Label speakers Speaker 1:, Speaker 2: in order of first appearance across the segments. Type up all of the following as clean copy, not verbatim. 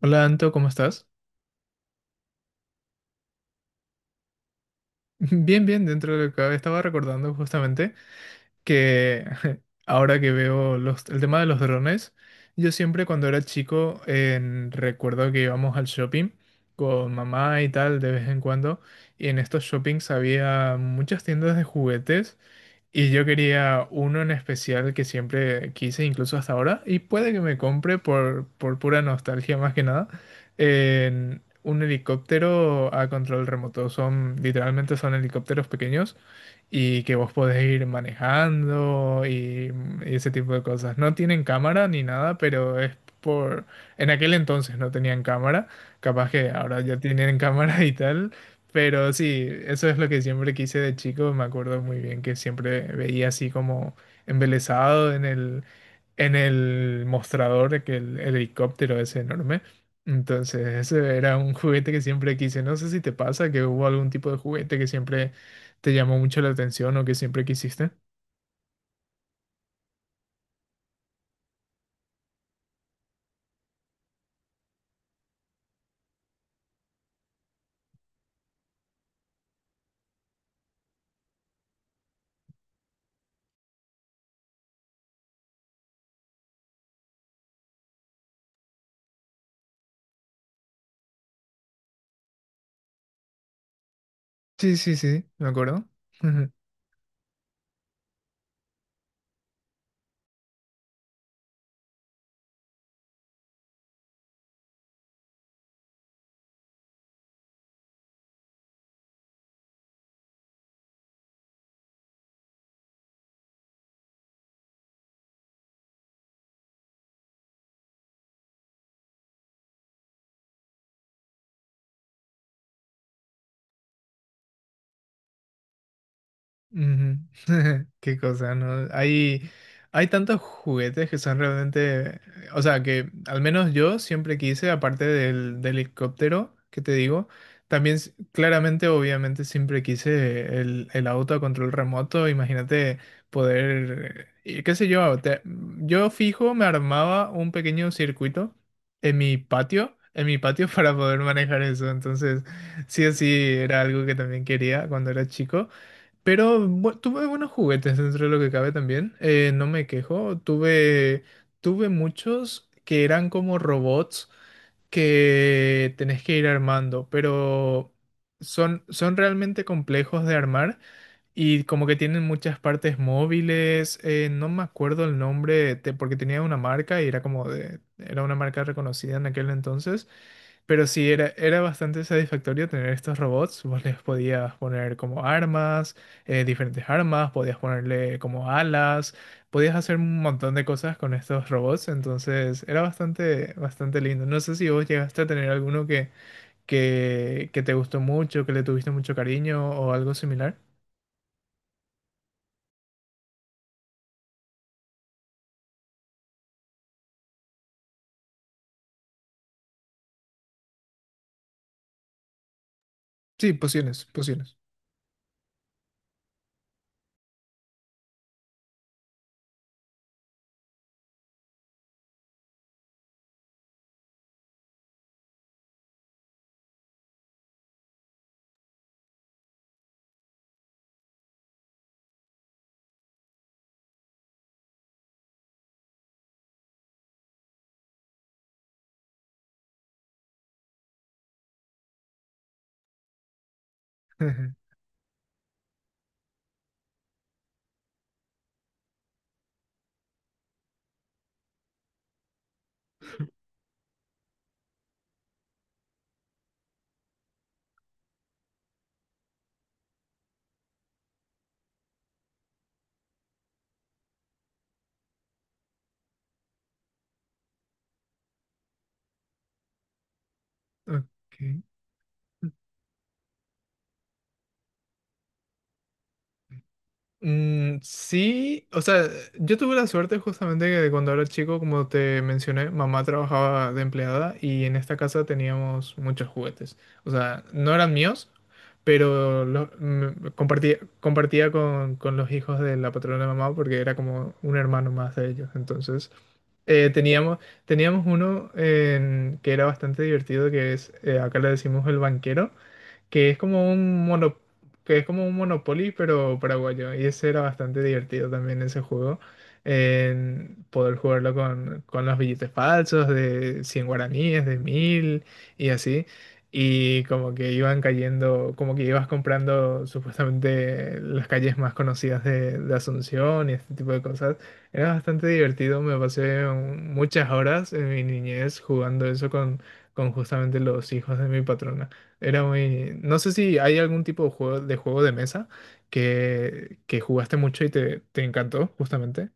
Speaker 1: Hola Anto, ¿cómo estás? Bien, bien, dentro de lo que cabe. Estaba recordando justamente que ahora que veo el tema de los drones. Yo siempre cuando era chico recuerdo que íbamos al shopping con mamá y tal de vez en cuando, y en estos shoppings había muchas tiendas de juguetes. Y yo quería uno en especial que siempre quise, incluso hasta ahora, y puede que me compre por pura nostalgia más que nada, en un helicóptero a control remoto. Son, literalmente son helicópteros pequeños y que vos podés ir manejando y ese tipo de cosas. No tienen cámara ni nada, pero es por. En aquel entonces no tenían cámara, capaz que ahora ya tienen cámara y tal, pero sí, eso es lo que siempre quise de chico. Me acuerdo muy bien que siempre veía así como embelesado en el mostrador de que el helicóptero es enorme. Entonces, ese era un juguete que siempre quise. No sé si te pasa que hubo algún tipo de juguete que siempre te llamó mucho la atención o que siempre quisiste. Sí, sí, sí, me acuerdo. Ujú. Qué cosa, ¿no? Hay tantos juguetes que son realmente, o sea, que al menos yo siempre quise, aparte del helicóptero, que te digo, también claramente, obviamente, siempre quise el auto a control remoto. Imagínate poder, qué sé yo, yo fijo, me armaba un pequeño circuito en mi patio para poder manejar eso. Entonces, sí o sí, era algo que también quería cuando era chico. Pero tuve buenos juguetes dentro de lo que cabe también. No me quejo. Tuve muchos que eran como robots que tenés que ir armando, pero son realmente complejos de armar y como que tienen muchas partes móviles. No me acuerdo el nombre, porque tenía una marca y era como era una marca reconocida en aquel entonces, pero sí era bastante satisfactorio tener estos robots. Vos les podías poner como armas, diferentes armas, podías ponerle como alas, podías hacer un montón de cosas con estos robots. Entonces era bastante, bastante lindo. No sé si vos llegaste a tener alguno que te gustó mucho, que le tuviste mucho cariño o algo similar. Sí, pociones, pociones. Okay. Mm, sí, o sea, yo tuve la suerte justamente que cuando era chico, como te mencioné, mamá trabajaba de empleada y en esta casa teníamos muchos juguetes. O sea, no eran míos, pero los compartía con los hijos de la patrona de mamá porque era como un hermano más de ellos. Entonces, eh, teníamos, teníamos uno que era bastante divertido, que es, acá le decimos el banquero que es como un mono, que es como un Monopoly, pero paraguayo. Y ese era bastante divertido también ese juego. En poder jugarlo con los billetes falsos de 100 guaraníes, de 1.000 y así. Y como que iban cayendo, como que ibas comprando supuestamente las calles más conocidas de Asunción y este tipo de cosas. Era bastante divertido, me pasé muchas horas en mi niñez jugando eso con justamente los hijos de mi patrona. Era muy. No sé si hay algún tipo de juego juego de mesa que jugaste mucho y te encantó, justamente.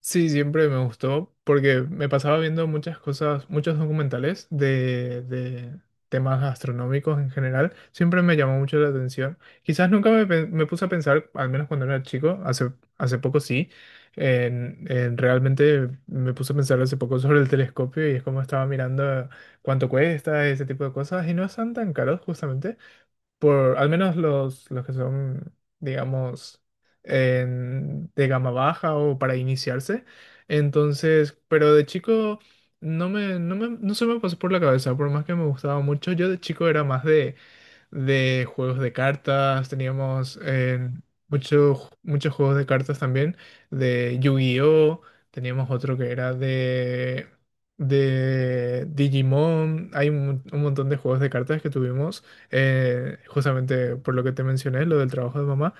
Speaker 1: Sí, siempre me gustó porque me pasaba viendo muchas cosas, muchos documentales de temas astronómicos en general. Siempre me llamó mucho la atención. Quizás nunca me puse a pensar, al menos cuando era chico. Hace poco sí, en realmente me puse a pensar hace poco sobre el telescopio y es como estaba mirando cuánto cuesta, ese tipo de cosas, y no están tan caros justamente por al menos los que son, digamos, de gama baja o para iniciarse. Entonces, pero de chico no se me pasó por la cabeza, por más que me gustaba mucho. Yo de chico era más de juegos de cartas. Teníamos muchos juegos de cartas también, de Yu-Gi-Oh, teníamos otro que era de Digimon. Hay un montón de juegos de cartas que tuvimos, justamente por lo que te mencioné, lo del trabajo de mamá.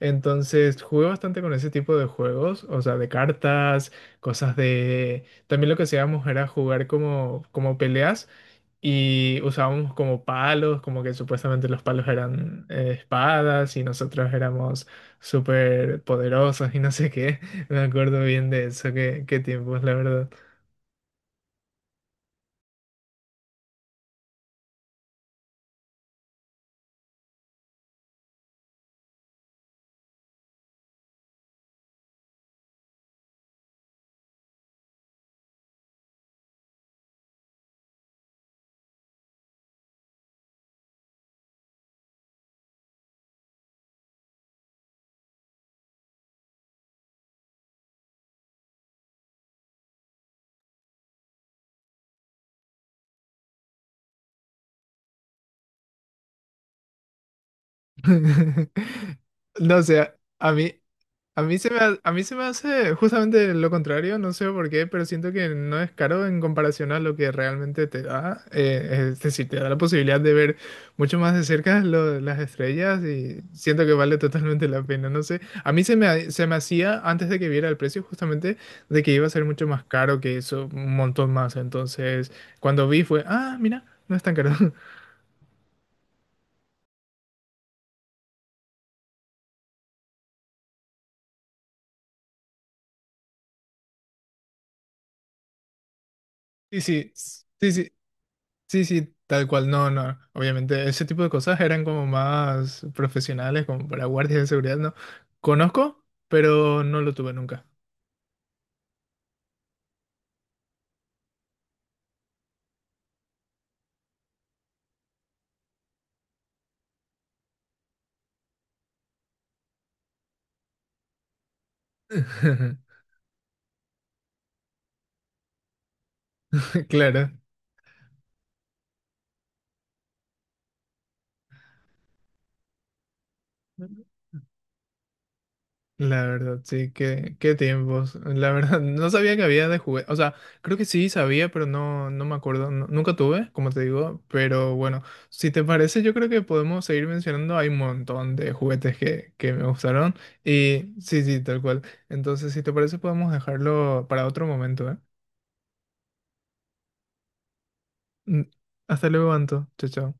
Speaker 1: Entonces jugué bastante con ese tipo de juegos, o sea, de cartas, cosas de. También lo que hacíamos era jugar como peleas. Y usábamos como palos, como que supuestamente los palos eran espadas y nosotros éramos súper poderosos y no sé qué. Me acuerdo bien de eso, qué tiempos, la verdad. No sé, a mí, a mí se me hace justamente lo contrario, no sé por qué, pero siento que no es caro en comparación a lo que realmente te da. Es decir, te da la posibilidad de ver mucho más de cerca las estrellas y siento que vale totalmente la pena. No sé, a mí se me, ha- se me hacía antes de que viera el precio justamente de que iba a ser mucho más caro que eso, un montón más. Entonces, cuando vi fue, ah, mira, no es tan caro. Sí, sí, sí, sí. Sí, sí, tal cual. No, no. Obviamente, ese tipo de cosas eran como más profesionales, como para guardias de seguridad, ¿no? Conozco, pero no lo tuve nunca. Claro. La verdad, sí, qué tiempos, la verdad. No sabía que había de juguete. O sea, creo que sí sabía, pero no, no me acuerdo. Nunca tuve, como te digo. Pero bueno, si te parece, yo creo que podemos seguir mencionando. Hay un montón de juguetes que me gustaron. Y sí, sí, tal cual. Entonces, si te parece, podemos dejarlo para otro momento, ¿eh? Mm, Hasta luego, Anto. Chao, chao.